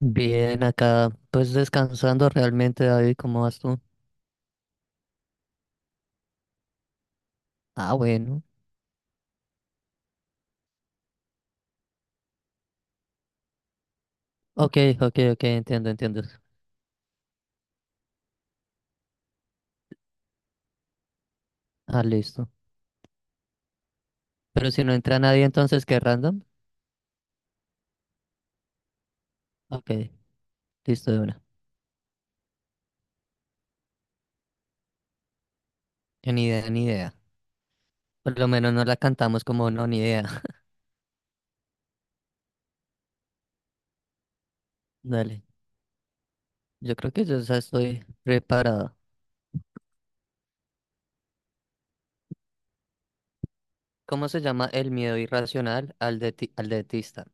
Bien, acá pues descansando realmente, David, ¿cómo vas tú? Ah, bueno. Ok, ok, ok, entiendo, entiendo. Ah, listo. Pero si no entra nadie, entonces, ¿qué random? Ok, listo de una. Ni idea, ni idea. Por lo menos no la cantamos como no, ni idea. Dale. Yo creo que yo ya estoy preparado. ¿Cómo se llama el miedo irracional al dentista?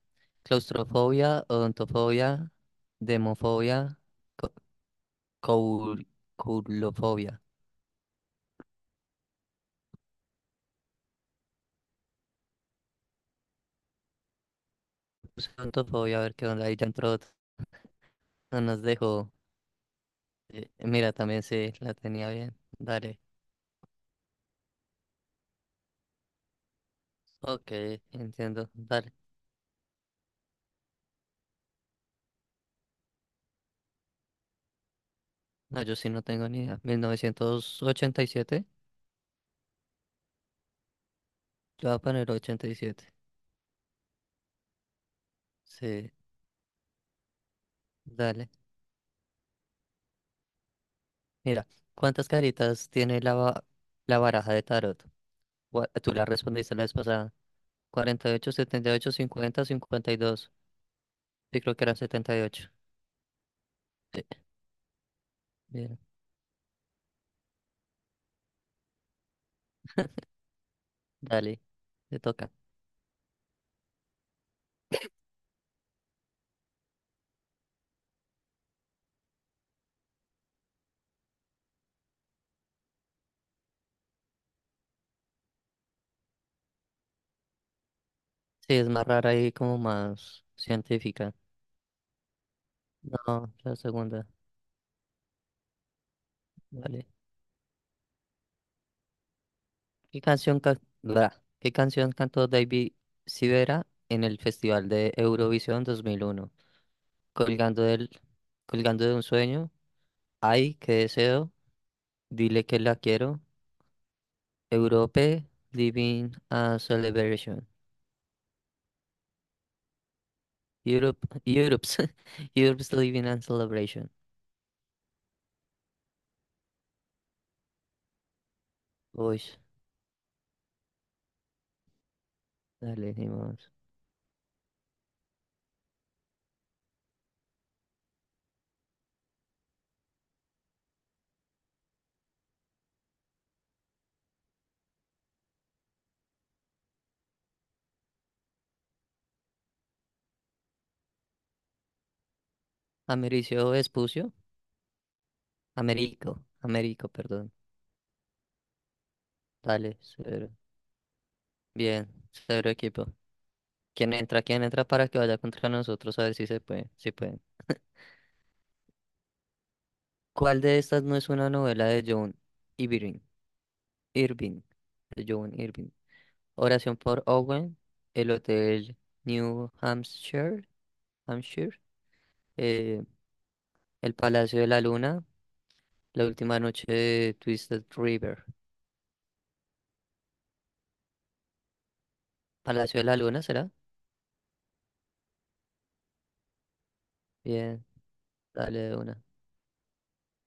Claustrofobia, odontofobia, demofobia, co- coul- coulofobia. Puse odontofobia, a ver qué onda. Ahí ya entró. No nos dejo. Mira, también sí, la tenía bien. Dale. Ok, entiendo. Dale. No, yo sí no tengo ni idea. 1987. Yo voy a poner 87. Sí, dale. Mira, ¿cuántas caritas tiene la baraja de tarot? Tú la respondiste la vez pasada. 48, 78, 50, 52. Sí, creo que eran 78. Sí, bien. Dale, te toca. Sí, es más rara y como más científica. No, la segunda. Vale. ¿Qué canción cantó David Sivera en el Festival de Eurovisión 2001? Colgando del, colgando de un sueño, ay, qué deseo, dile que la quiero, Europe, Living a Celebration, Europe, Europe's, Europe's Living a Celebration. Uy, dale, dimos. Americio Espucio, Américo, perdón. Dale, cero. Bien, cero equipo. ¿Quién entra para que vaya contra nosotros a ver si se puede? Si puede. ¿Cuál de estas no es una novela de John Irving? Irving. De John Irving. Oración por Owen. El Hotel New Hampshire. Hampshire. eh, el Palacio de la Luna. La última noche de Twisted River. ¿Palacio de la Luna será? Bien, dale de una.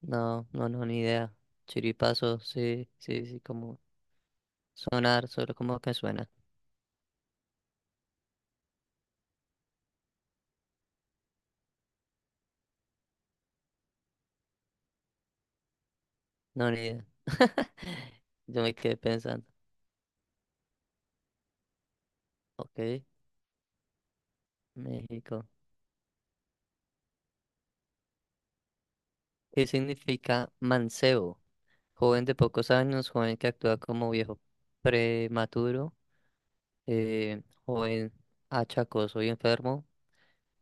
No, no, no, ni idea. Chiripazo, sí, sí, sí, como sonar, solo como que suena. No, ni idea. Yo me quedé pensando. Ok, México. ¿Qué significa mancebo? Joven de pocos años, joven que actúa como viejo prematuro, joven achacoso y enfermo,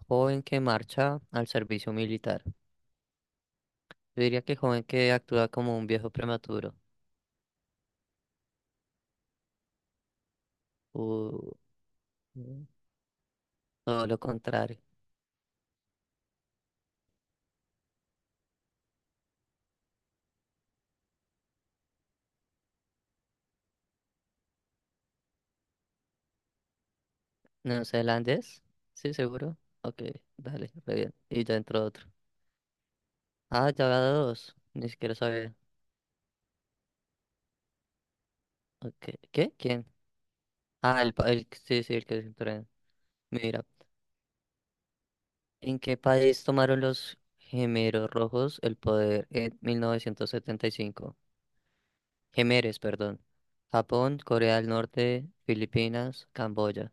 joven que marcha al servicio militar. Yo diría que joven que actúa como un viejo prematuro. u- u- Todo lo contrario. ¿Neozelandés? Sí, seguro. Ok, dale, re bien. Y ya entró otro. Ah, ya va dos. Ni siquiera sabía. Ok, ¿Qué? ¿Quién? Ah, el, sí, sí, el que se trae. Mira, ¿en qué país tomaron los gemeros rojos el poder en 1975? Gemeres, perdón. Japón, Corea del Norte, Filipinas, Camboya.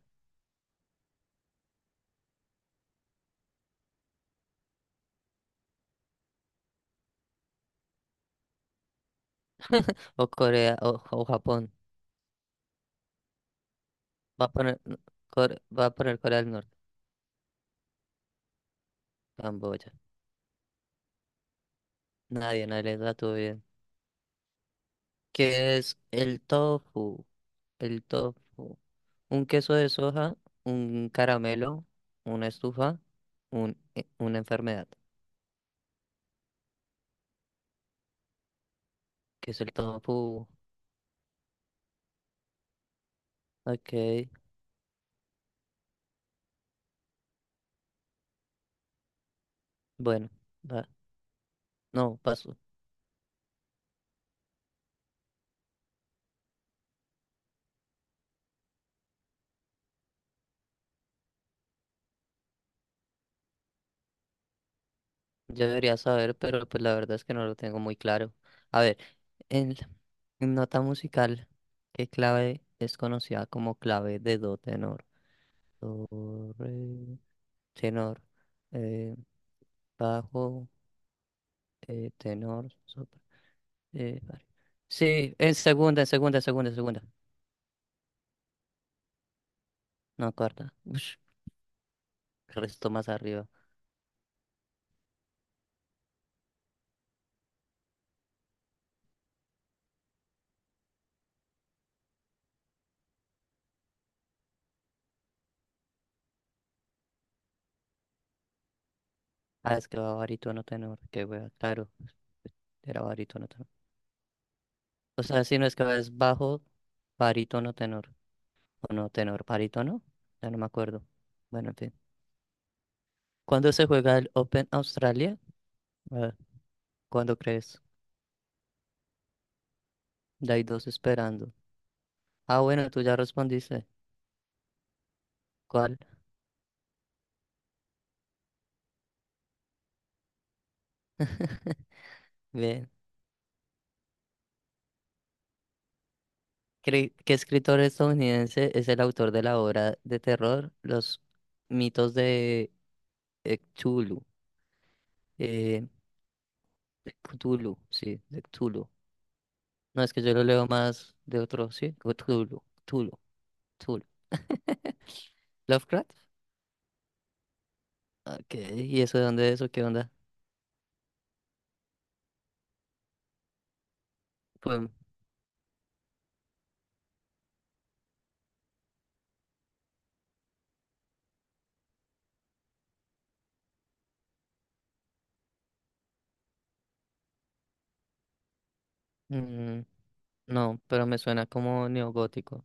O Corea, o Japón. Va a poner, no, va a poner Corea del Norte, Camboya. Nadie, nadie le da tu bien. ¿Qué es el tofu? El tofu. Un queso de soja, un caramelo, una estufa, una enfermedad, que es el tofu. Ok, bueno, va. No, paso. Yo debería saber, pero pues la verdad es que no lo tengo muy claro. A ver, en, en nota musical, ¿qué clave es conocida como clave de do tenor? Do, re, tenor, eh, bajo, tenor, sopra, vale. Sí, en segunda, en segunda, en segunda, en segunda. No, cuarta. El resto más arriba. Ah, es que va barítono tenor, qué wea, claro, era barítono tenor. O sea, si no es que va es bajo, barítono tenor, o no tenor, barítono, ya no me acuerdo. Bueno, en fin. ¿Cuándo se juega el Open Australia? A ver, ¿cuándo crees? Ya hay dos esperando. Ah, bueno, tú ya respondiste. ¿Cuál? Bien. ¿Qué escritor estadounidense es el autor de la obra de terror Los mitos de Cthulhu? Eh, Cthulhu, sí, de Cthulhu. No, es que yo lo leo más de otro, sí, Cthulhu, Cthulhu, Cthulhu. Lovecraft. Ok, ¿y eso de dónde es o qué onda? Pues, mm, no, pero me suena como neogótico.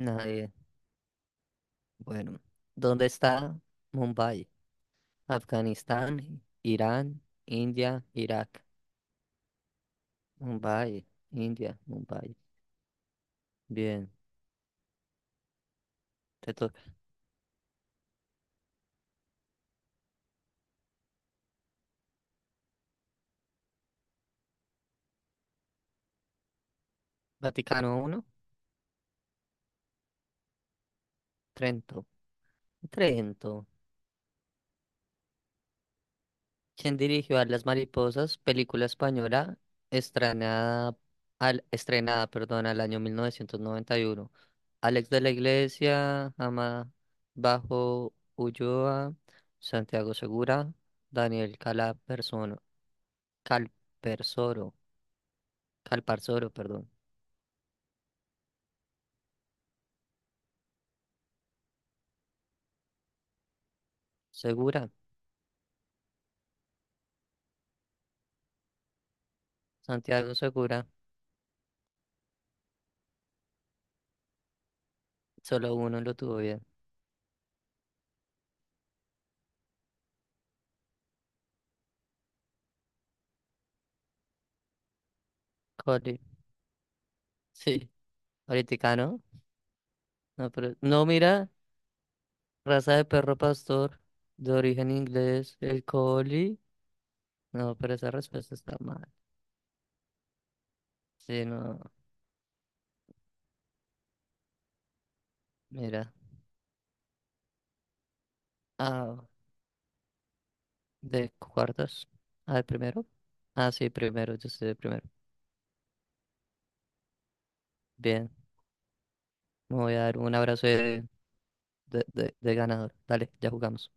Nadie. Bueno, ¿dónde está Mumbai? Afganistán, Irán, India, Irak. Mumbai, India, Mumbai. Bien, te toca. Vaticano uno. Trento. Trento. ¿Quién dirigió a Las Mariposas? Película española estrenada al, estrenada, perdón, al año 1991. Alex de la Iglesia, Ama Bajo Ulloa, Santiago Segura, Daniel Calapersono Calpersoro, Calparsoro, perdón. Segura, Santiago Segura, solo uno lo tuvo bien. Coli, sí, ahorita no, no, pero, no, mira, raza de perro pastor de origen inglés, el collie. No, pero esa respuesta está mal. Sí, no, mira. Ah, de cuartos. Ah, de primero. Ah, sí, primero, yo soy de primero. Bien, me voy a dar un abrazo de, ganador. Dale, ya jugamos.